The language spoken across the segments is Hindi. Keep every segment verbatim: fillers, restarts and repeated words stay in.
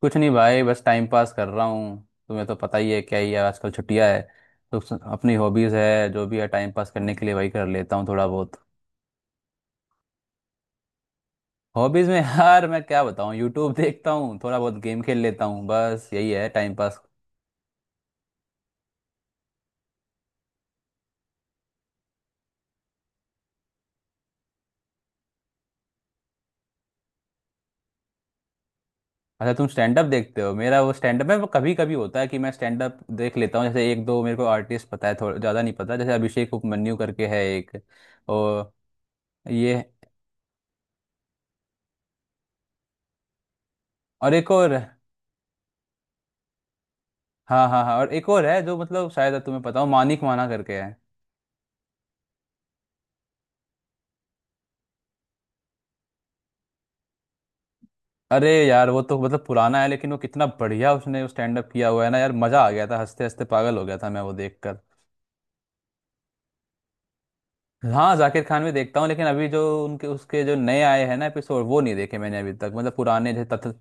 कुछ नहीं भाई, बस टाइम पास कर रहा हूँ। तुम्हें तो पता ही है क्या ही है, आजकल छुट्टियाँ है। तो स- अपनी हॉबीज़ है जो भी है, टाइम पास करने के लिए वही कर लेता हूँ थोड़ा बहुत। हॉबीज़ में यार मैं क्या बताऊँ, यूट्यूब देखता हूँ, थोड़ा बहुत गेम खेल लेता हूँ, बस यही है टाइम पास। अच्छा तुम स्टैंड अप देखते हो? मेरा वो स्टैंड अप है, वो कभी कभी होता है कि मैं स्टैंड अप देख लेता हूँ। जैसे एक दो मेरे को आर्टिस्ट पता है, थोड़ा ज़्यादा नहीं पता। जैसे अभिषेक उपमन्यु करके है एक, और ये, और एक और। हाँ, हाँ, हाँ, और एक और है जो, मतलब शायद तुम्हें पता हो, मानिक माना करके है। अरे यार वो तो मतलब पुराना है, लेकिन वो कितना बढ़िया उसने स्टैंड अप किया हुआ है ना यार, मजा आ गया था, हंसते हंसते पागल हो गया था मैं वो देखकर। हाँ जाकिर खान भी देखता हूँ, लेकिन अभी जो उनके उसके जो नए आए हैं ना एपिसोड, वो नहीं देखे मैंने अभी तक। मतलब पुराने जैसे तथ,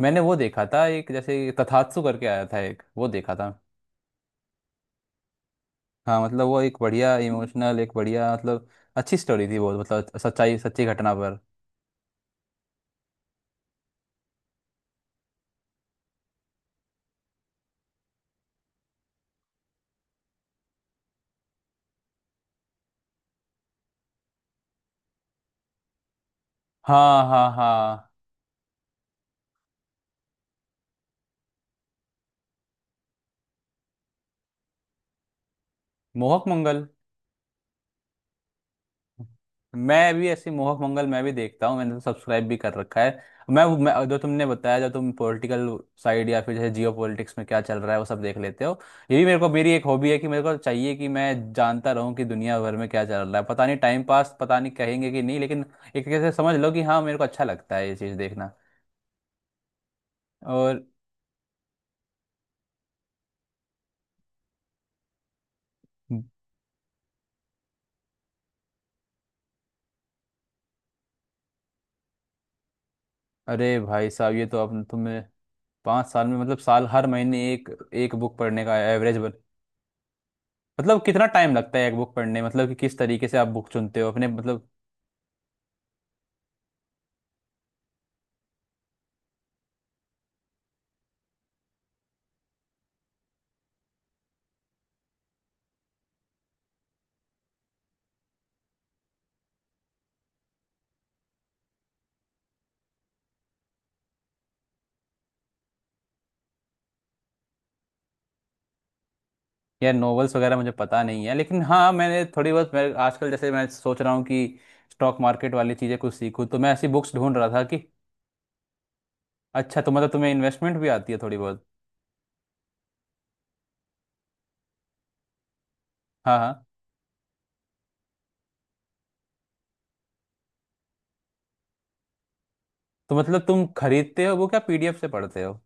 मैंने वो देखा था एक, जैसे तथात्सु करके आया था एक, वो देखा था। हाँ मतलब वो एक बढ़िया इमोशनल, एक बढ़िया मतलब अच्छी स्टोरी थी वो, मतलब सच्चाई, सच्ची घटना पर। हाँ, हाँ, हाँ, मोहक मंगल। मैं भी ऐसी, मोहक मंगल मैं भी देखता हूँ, मैंने तो सब्सक्राइब भी कर रखा है। मैं, मैं जो तुमने बताया, जो तुम पॉलिटिकल साइड या फिर जैसे जियो पॉलिटिक्स में क्या चल रहा है वो सब देख लेते हो। ये भी मेरे को, मेरी एक हॉबी है कि मेरे को चाहिए कि मैं जानता रहूँ कि दुनिया भर में क्या चल रहा है। पता नहीं टाइम पास पता नहीं कहेंगे कि नहीं, लेकिन एक तरीके से समझ लो कि हाँ, मेरे को अच्छा लगता है ये चीज़ देखना। और अरे भाई साहब ये तो अब तुम्हें पाँच साल में मतलब साल हर महीने एक, एक बुक पढ़ने का एवरेज। मतलब कितना टाइम लगता है एक बुक पढ़ने, मतलब कि किस तरीके से आप बुक चुनते हो अपने मतलब। यार नॉवेल्स वगैरह मुझे पता नहीं है, लेकिन हाँ मैंने थोड़ी बहुत, मैं आजकल जैसे मैं सोच रहा हूँ कि स्टॉक मार्केट वाली चीज़ें कुछ सीखूँ, तो मैं ऐसी बुक्स ढूंढ रहा था कि। अच्छा तो मतलब तुम्हें इन्वेस्टमेंट भी आती है थोड़ी बहुत? हाँ, हाँ। तो मतलब तुम खरीदते हो वो, क्या पीडीएफ से पढ़ते हो?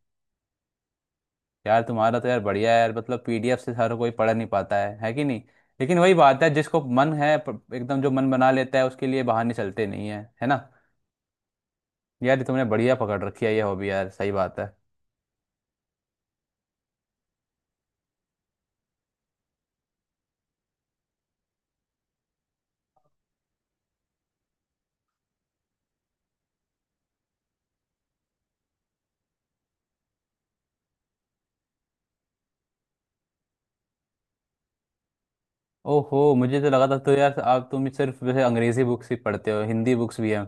यार तुम्हारा तो यार बढ़िया है यार, मतलब पीडीएफ से हर कोई पढ़ नहीं पाता है है कि नहीं। लेकिन वही बात है, जिसको मन है प- एकदम जो मन बना लेता है, उसके लिए बहाने चलते नहीं है, है ना। यार ये तुमने बढ़िया पकड़ रखी है ये हॉबी यार, सही बात है। ओहो मुझे तो लगा था तो यार, आप तुम सिर्फ वैसे अंग्रेजी बुक्स ही पढ़ते हो, हिंदी बुक्स भी हैं।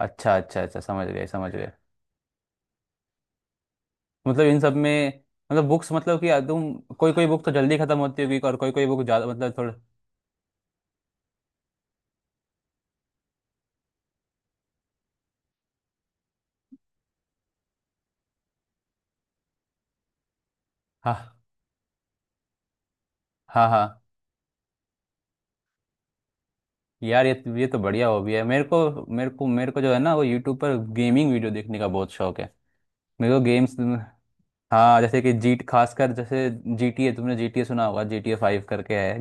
अच्छा, अच्छा, अच्छा, समझ गए, समझ गए। मतलब इन सब में, मतलब बुक्स, मतलब कि यार तुम कोई कोई बुक तो जल्दी खत्म होती होगी, और कोई कोई बुक ज़्यादा मतलब थोड़ा। हाँ, हाँ, हाँ। यार ये ये तो बढ़िया हॉबी है। मेरे को मेरे को मेरे को जो है ना, वो यूट्यूब पर गेमिंग वीडियो देखने का बहुत शौक है। मेरे को गेम्स, हाँ जैसे कि जीट, खासकर जैसे जी टी ए, तुमने जी टी ए सुना होगा, जी टी ए फाइव करके है।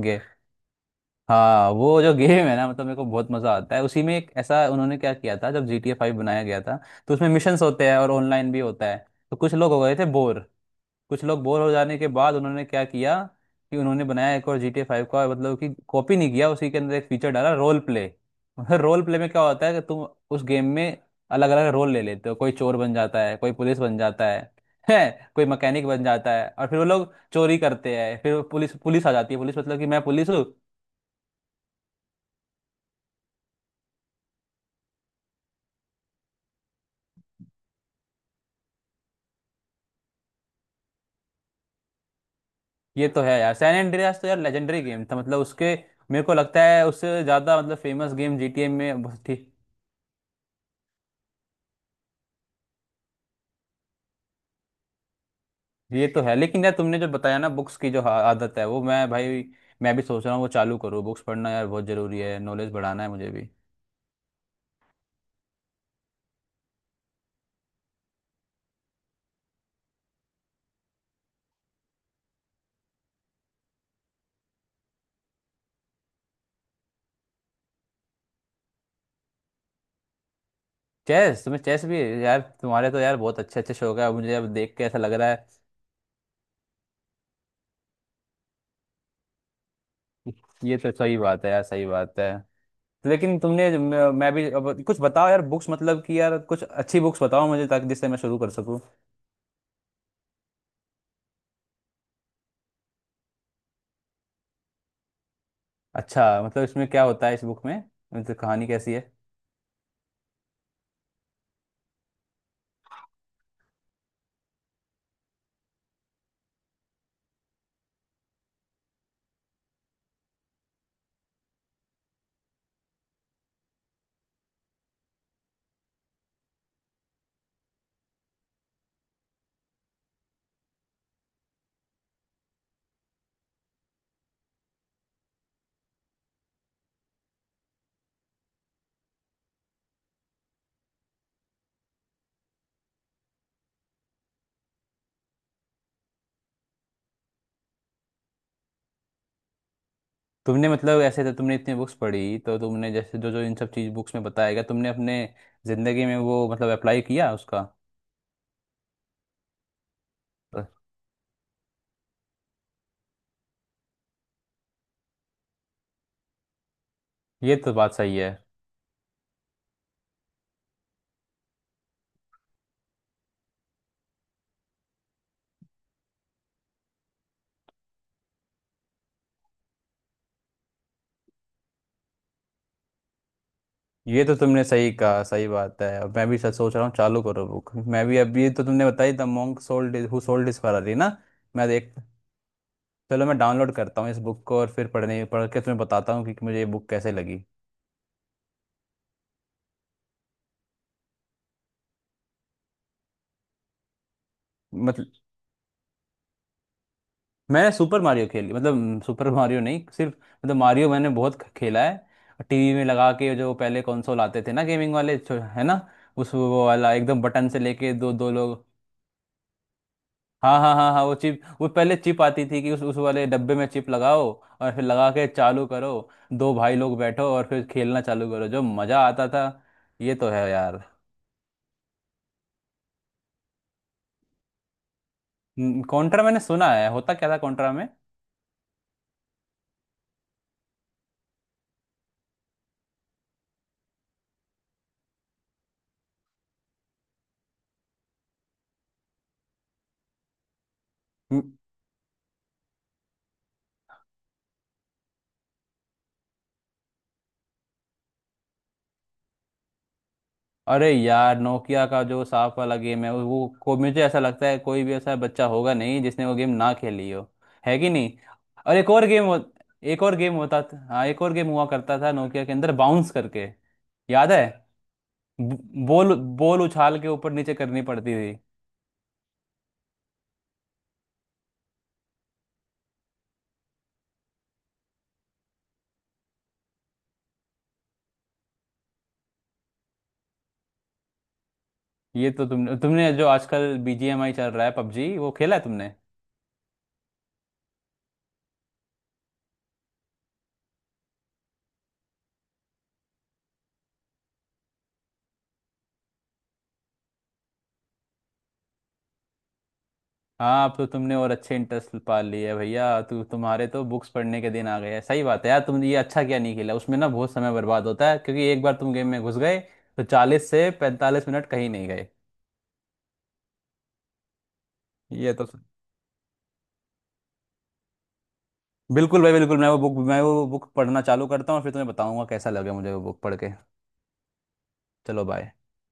हाँ वो जो गेम है ना, मतलब मेरे को बहुत मजा आता है। उसी में एक ऐसा उन्होंने क्या किया था, जब जी टी ए फाइव बनाया गया था, तो उसमें मिशंस होते हैं और ऑनलाइन भी होता है। तो कुछ लोग हो गए थे बोर, कुछ लोग बोर हो जाने के बाद उन्होंने क्या किया, कि उन्होंने बनाया एक और जी टी ए फाइव का, मतलब कि कॉपी नहीं किया, उसी के अंदर एक फीचर डाला, रोल प्ले। मतलब रोल प्ले में क्या होता है कि तुम उस गेम में अलग अलग रोल ले लेते हो, कोई चोर बन जाता है, कोई पुलिस बन जाता है, है कोई मैकेनिक बन जाता है, और फिर वो लोग चोरी करते हैं, फिर वो पुलिस पुलिस आ जाती है, पुलिस मतलब कि मैं पुलिस हूँ। ये तो है यार, सैन एंड्रियास तो यार लेजेंडरी गेम था, मतलब उसके, मेरे को लगता है उससे ज्यादा मतलब फेमस गेम जी टी ए में बहुत थी। ये तो है, लेकिन यार तुमने जो बताया ना बुक्स की जो हा- आदत है, वो मैं भाई, मैं भी सोच रहा हूँ वो चालू करूँ, बुक्स पढ़ना यार बहुत जरूरी है, नॉलेज बढ़ाना है मुझे भी। चेस, तुम्हें चेस भी? यार तुम्हारे तो यार बहुत अच्छे अच्छे शौक है, मुझे अब देख के ऐसा लग रहा है। ये तो सही बात है यार, सही बात है। लेकिन तुमने, मैं मैं भी अब कुछ बताओ यार बुक्स, मतलब कि यार कुछ अच्छी बुक्स बताओ मुझे, ताकि जिससे मैं शुरू कर सकूँ। अच्छा, मतलब इसमें क्या होता है इस बुक में, मतलब कहानी कैसी है। तुमने मतलब ऐसे तो तुमने इतनी बुक्स पढ़ी, तो तुमने जैसे जो जो इन सब चीज बुक्स में बताया गया, तुमने अपने जिंदगी में वो मतलब अप्लाई किया उसका? अ, ये तो बात सही है। ये तो तुमने सही कहा, सही बात है। अब मैं भी सच सोच रहा हूँ चालू करो बुक, मैं भी। अभी तो तुमने बताई the monk sold, who sold his Ferrari ना। मैं देख, चलो मैं डाउनलोड करता हूँ इस बुक को, और फिर पढ़ने, पढ़ के तुम्हें बताता हूँ कि कि मुझे ये बुक कैसे लगी। मतलब मैंने सुपर मारियो खेली, मतलब सुपर मारियो नहीं, सिर्फ मतलब मारियो मैंने बहुत ख- खेला है। टीवी में लगा के जो पहले कंसोल आते थे ना, गेमिंग वाले छो- है ना, उस वो वाला एकदम बटन से लेके दो दो लोग। हाँ, हाँ, हाँ, हाँ, वो चिप, वो पहले चिप आती थी कि उस उस वाले डब्बे में चिप लगाओ और फिर लगा के चालू करो, दो भाई लोग बैठो और फिर खेलना चालू करो, जो मजा आता था। ये तो है यार। कॉन्ट्रा, मैंने सुना है, होता क्या था कॉन्ट्रा में? अरे यार, नोकिया का जो सांप वाला गेम है वो को, मुझे ऐसा लगता है कोई भी ऐसा बच्चा होगा नहीं जिसने वो गेम ना खेली हो। है कि नहीं। और एक और गेम हो, एक और गेम होता था, हाँ एक और गेम हुआ करता था नोकिया के अंदर बाउंस करके। याद है? ब- बॉल, बॉल उछाल के ऊपर नीचे करनी पड़ती थी। ये तो तुमने, तुमने जो आजकल बी जी एम आई चल रहा है, पबजी, वो खेला है तुमने? हाँ अब तो तुमने और अच्छे इंटरेस्ट पा लिए है भैया, तू तुम्हारे तो बुक्स पढ़ने के दिन आ गए हैं। सही बात है यार, तुमने ये अच्छा क्या नहीं खेला, उसमें ना बहुत समय बर्बाद होता है, क्योंकि एक बार तुम गेम में घुस गए तो चालीस से पैंतालीस मिनट कहीं नहीं गए। ये तो बिल्कुल भाई बिल्कुल, मैं वो बुक मैं वो बुक पढ़ना चालू करता हूँ और फिर तुम्हें बताऊंगा कैसा लगे मुझे वो बुक पढ़ के। चलो बाय।